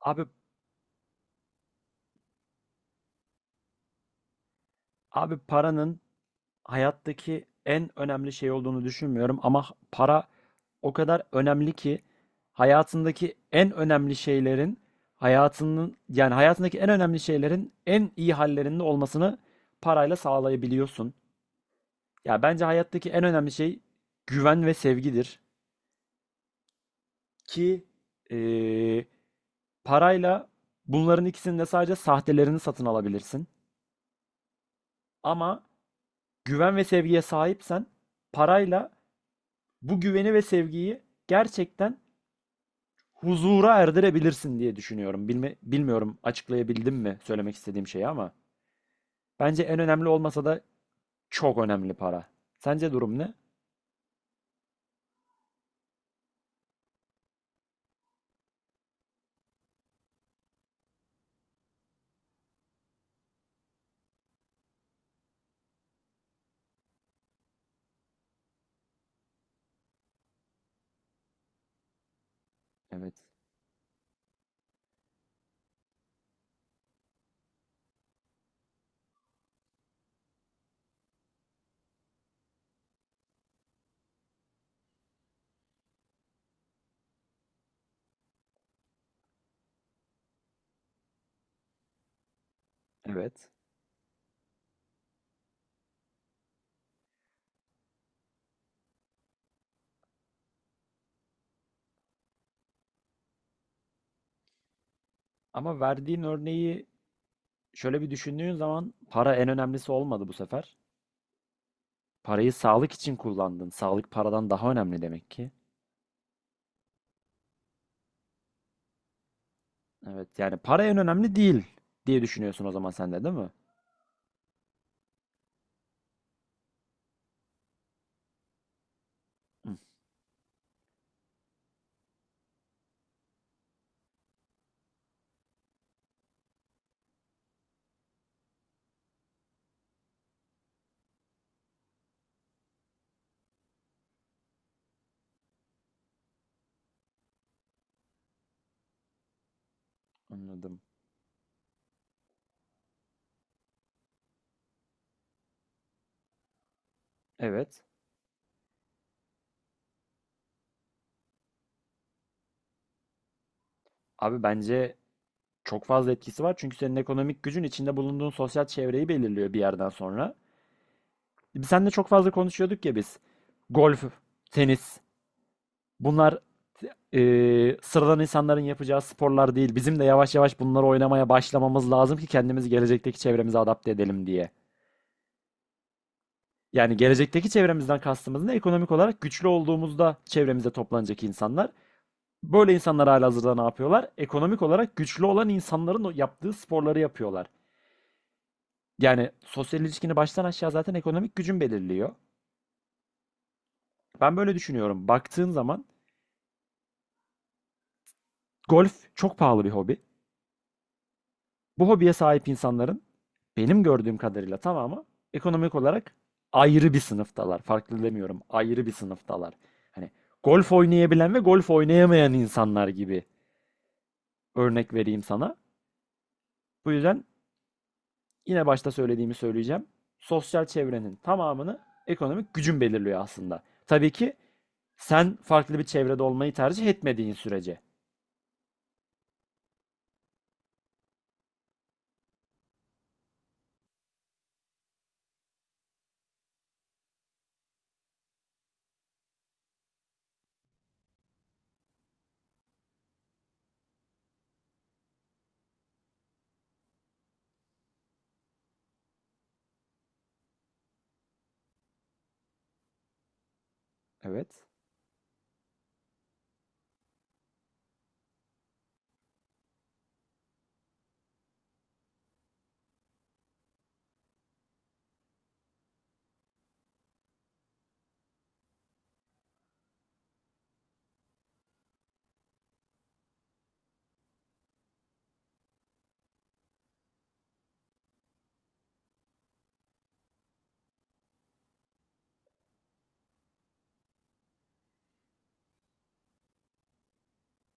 Abi abi, paranın hayattaki en önemli şey olduğunu düşünmüyorum ama para o kadar önemli ki hayatındaki en önemli şeylerin hayatının yani hayatındaki en önemli şeylerin en iyi hallerinde olmasını parayla sağlayabiliyorsun. Ya bence hayattaki en önemli şey güven ve sevgidir ki eee, parayla bunların ikisinin de sadece sahtelerini satın alabilirsin. Ama güven ve sevgiye sahipsen parayla bu güveni ve sevgiyi gerçekten huzura erdirebilirsin diye düşünüyorum. Bilmiyorum açıklayabildim mi söylemek istediğim şeyi ama bence en önemli olmasa da çok önemli para. Sence durum ne? Evet. Evet. Ama verdiğin örneği şöyle bir düşündüğün zaman para en önemlisi olmadı bu sefer. Parayı sağlık için kullandın. Sağlık paradan daha önemli demek ki. Evet, yani para en önemli değil diye düşünüyorsun o zaman sen de, değil mi? Hı, anladım. Evet. Abi, bence çok fazla etkisi var çünkü senin ekonomik gücün içinde bulunduğun sosyal çevreyi belirliyor bir yerden sonra. Biz seninle çok fazla konuşuyorduk ya biz. Golf, tenis, bunlar sıradan insanların yapacağı sporlar değil. Bizim de yavaş yavaş bunları oynamaya başlamamız lazım ki kendimizi gelecekteki çevremize adapte edelim diye. Yani gelecekteki çevremizden kastımız ne? Ekonomik olarak güçlü olduğumuzda çevremize toplanacak insanlar. Böyle insanlar halihazırda ne yapıyorlar? Ekonomik olarak güçlü olan insanların o yaptığı sporları yapıyorlar. Yani sosyal ilişkini baştan aşağı zaten ekonomik gücün belirliyor. Ben böyle düşünüyorum. Baktığın zaman golf çok pahalı bir hobi. Bu hobiye sahip insanların benim gördüğüm kadarıyla tamamı ekonomik olarak ayrı bir sınıftalar. Farklı demiyorum. Ayrı bir sınıftalar. Hani golf oynayabilen ve golf oynayamayan insanlar gibi, örnek vereyim sana. Bu yüzden yine başta söylediğimi söyleyeceğim. Sosyal çevrenin tamamını ekonomik gücün belirliyor aslında. Tabii ki sen farklı bir çevrede olmayı tercih etmediğin sürece. Evet,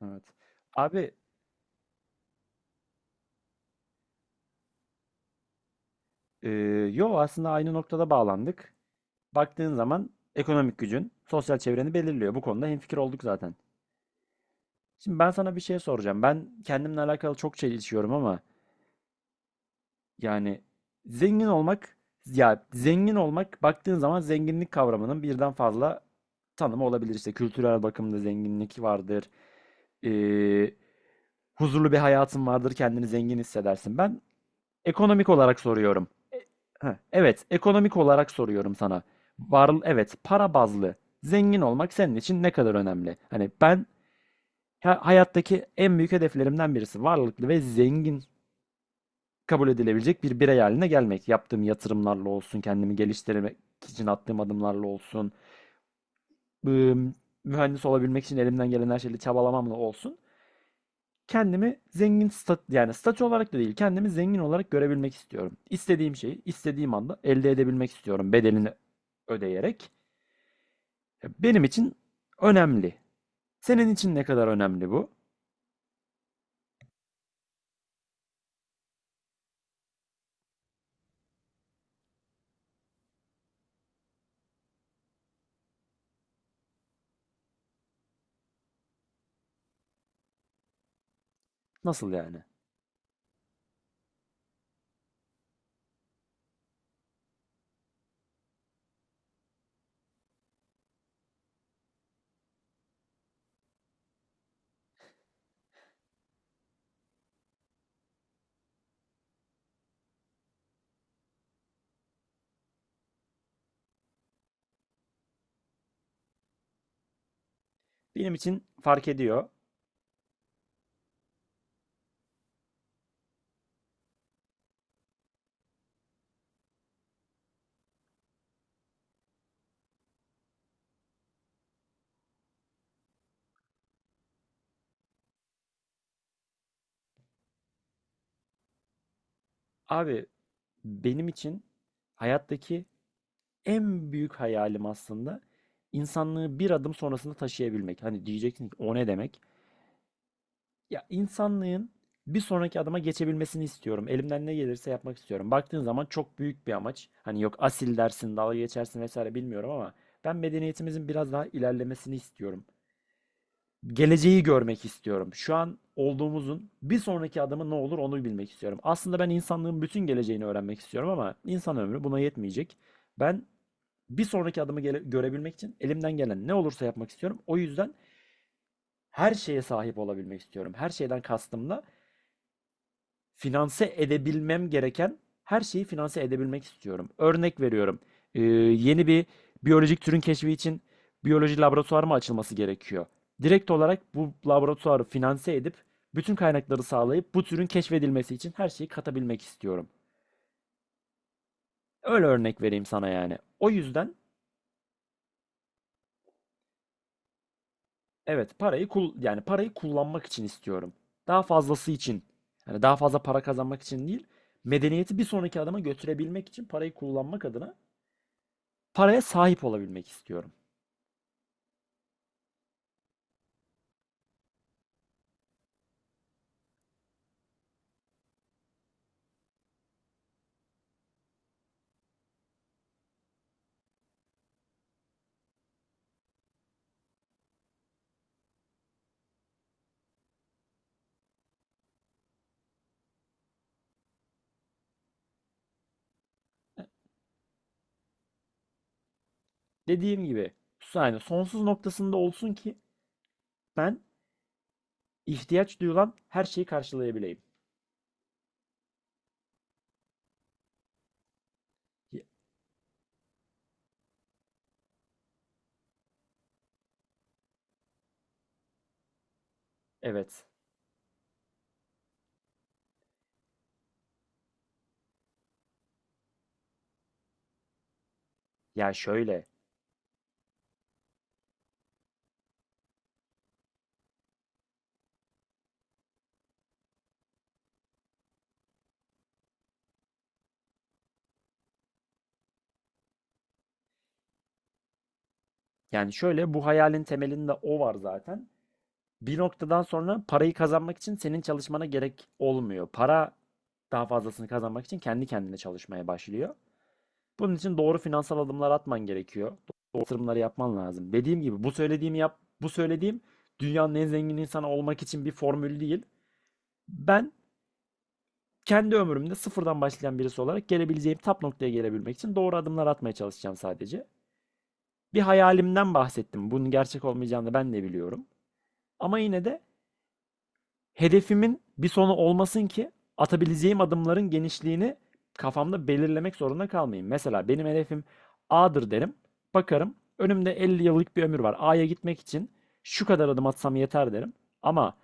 evet. Abi, e, yo, aslında aynı noktada bağlandık. Baktığın zaman ekonomik gücün sosyal çevreni belirliyor. Bu konuda hemfikir olduk zaten. Şimdi ben sana bir şey soracağım. Ben kendimle alakalı çok çelişiyorum ama yani zengin olmak zengin olmak, baktığın zaman zenginlik kavramının birden fazla tanımı olabilir. İşte kültürel bakımda zenginlik vardır. Ee, Huzurlu bir hayatın vardır. Kendini zengin hissedersin. Ben ekonomik olarak soruyorum. Heh, evet, ekonomik olarak soruyorum sana. Var, evet, para bazlı zengin olmak senin için ne kadar önemli? Hani ben hayattaki en büyük hedeflerimden birisi varlıklı ve zengin kabul edilebilecek bir birey haline gelmek. Yaptığım yatırımlarla olsun, kendimi geliştirmek için attığım adımlarla olsun, ım, mühendis olabilmek için elimden gelen her şeyle çabalamamla olsun. Kendimi zengin stat yani statü olarak da değil, kendimi zengin olarak görebilmek istiyorum. İstediğim şeyi istediğim anda elde edebilmek istiyorum, bedelini ödeyerek. Benim için önemli. Senin için ne kadar önemli bu? Nasıl yani? Benim için fark ediyor. Abi, benim için hayattaki en büyük hayalim aslında insanlığı bir adım sonrasında taşıyabilmek. Hani diyeceksin ki o ne demek? Ya, insanlığın bir sonraki adıma geçebilmesini istiyorum. Elimden ne gelirse yapmak istiyorum. Baktığın zaman çok büyük bir amaç. Hani yok asil dersin, dalga geçersin vesaire bilmiyorum ama ben medeniyetimizin biraz daha ilerlemesini istiyorum, geleceği görmek istiyorum. Şu an olduğumuzun bir sonraki adımı ne olur onu bilmek istiyorum. Aslında ben insanlığın bütün geleceğini öğrenmek istiyorum ama insan ömrü buna yetmeyecek. Ben bir sonraki adımı görebilmek için elimden gelen ne olursa yapmak istiyorum. O yüzden her şeye sahip olabilmek istiyorum. Her şeyden kastımla, finanse edebilmem gereken her şeyi finanse edebilmek istiyorum. Örnek veriyorum. Yeni bir biyolojik türün keşfi için biyoloji laboratuvarı mı açılması gerekiyor? Direkt olarak bu laboratuvarı finanse edip bütün kaynakları sağlayıp bu türün keşfedilmesi için her şeyi katabilmek istiyorum. Öyle örnek vereyim sana yani. O yüzden evet, parayı kullanmak için istiyorum. Daha fazlası için. Yani daha fazla para kazanmak için değil, medeniyeti bir sonraki adıma götürebilmek için parayı kullanmak adına paraya sahip olabilmek istiyorum. Dediğim gibi, yani sonsuz noktasında olsun ki ben ihtiyaç duyulan her şeyi karşılayabileyim. Y- Evet. Ya şöyle. Yani şöyle, bu hayalin temelinde o var zaten. Bir noktadan sonra parayı kazanmak için senin çalışmana gerek olmuyor. Para daha fazlasını kazanmak için kendi kendine çalışmaya başlıyor. Bunun için doğru finansal adımlar atman gerekiyor. Doğru yatırımları yapman lazım. Dediğim gibi bu söylediğimi yap, bu söylediğim dünyanın en zengin insanı olmak için bir formül değil. Ben kendi ömrümde sıfırdan başlayan birisi olarak gelebileceğim tap noktaya gelebilmek için doğru adımlar atmaya çalışacağım sadece. Bir hayalimden bahsettim. Bunun gerçek olmayacağını ben de biliyorum. Ama yine de hedefimin bir sonu olmasın ki atabileceğim adımların genişliğini kafamda belirlemek zorunda kalmayayım. Mesela benim hedefim A'dır derim. Bakarım önümde 50 yıllık bir ömür var. A'ya gitmek için şu kadar adım atsam yeter derim. Ama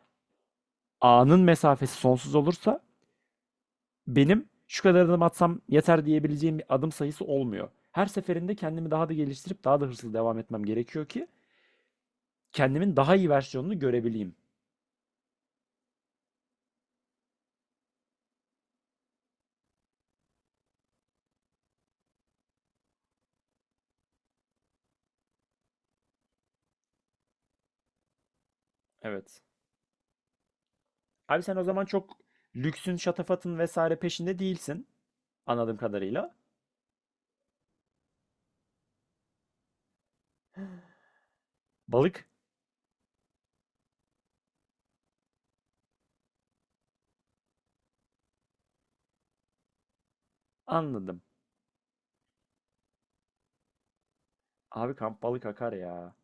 A'nın mesafesi sonsuz olursa benim şu kadar adım atsam yeter diyebileceğim bir adım sayısı olmuyor. Her seferinde kendimi daha da geliştirip daha da hırslı devam etmem gerekiyor ki kendimin daha iyi versiyonunu görebileyim. Evet. Abi sen o zaman çok lüksün, şatafatın vesaire peşinde değilsin. Anladığım kadarıyla. Balık? Anladım. Abi kamp balık akar ya.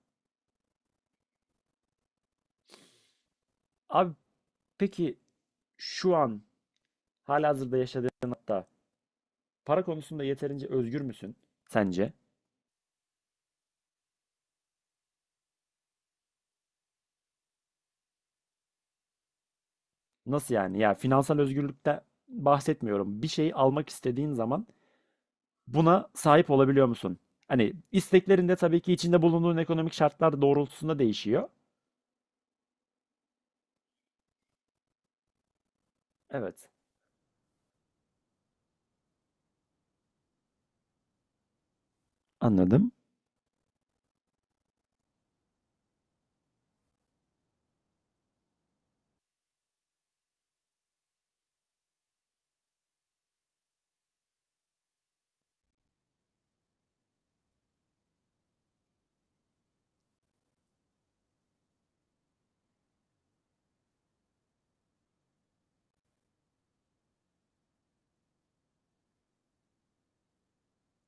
Abi peki şu an halihazırda yaşadığın hatta para konusunda yeterince özgür müsün sence? Nasıl yani? Ya finansal özgürlükten bahsetmiyorum. Bir şey almak istediğin zaman buna sahip olabiliyor musun? Hani isteklerinde tabii ki içinde bulunduğun ekonomik şartlar doğrultusunda değişiyor. Evet. Anladım.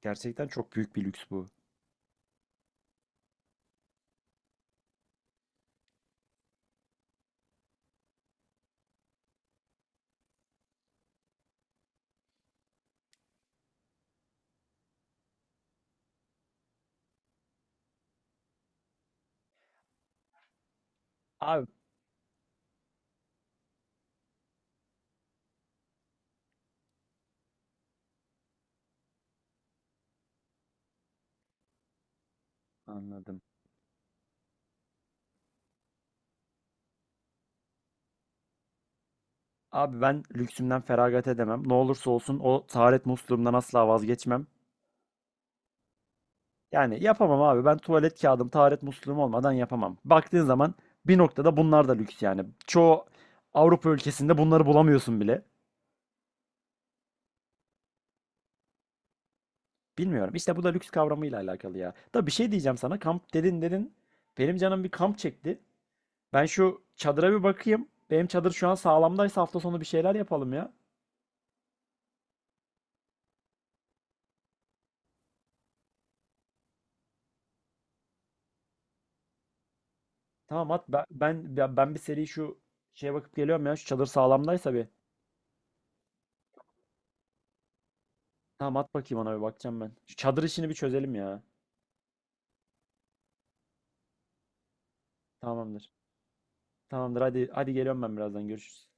Gerçekten çok büyük bir lüks bu. Abi anladım. Abi ben lüksümden feragat edemem. Ne olursa olsun o taharet musluğumdan asla vazgeçmem. Yani yapamam abi. Ben tuvalet kağıdım, taharet musluğum olmadan yapamam. Baktığın zaman bir noktada bunlar da lüks yani. Çoğu Avrupa ülkesinde bunları bulamıyorsun bile. Bilmiyorum. İşte bu da lüks kavramıyla alakalı ya. Da bir şey diyeceğim sana. Kamp dedin. Benim canım bir kamp çekti. Ben şu çadıra bir bakayım. Benim çadır şu an sağlamdaysa hafta sonu bir şeyler yapalım ya. Tamam, at. Ben bir seri şu şeye bakıp geliyorum ya. Şu çadır sağlamdaysa bir. Tamam at, bakayım, ona bir bakacağım ben. Şu çadır işini bir çözelim ya. Tamamdır. Tamamdır, hadi hadi, geliyorum ben, birazdan görüşürüz.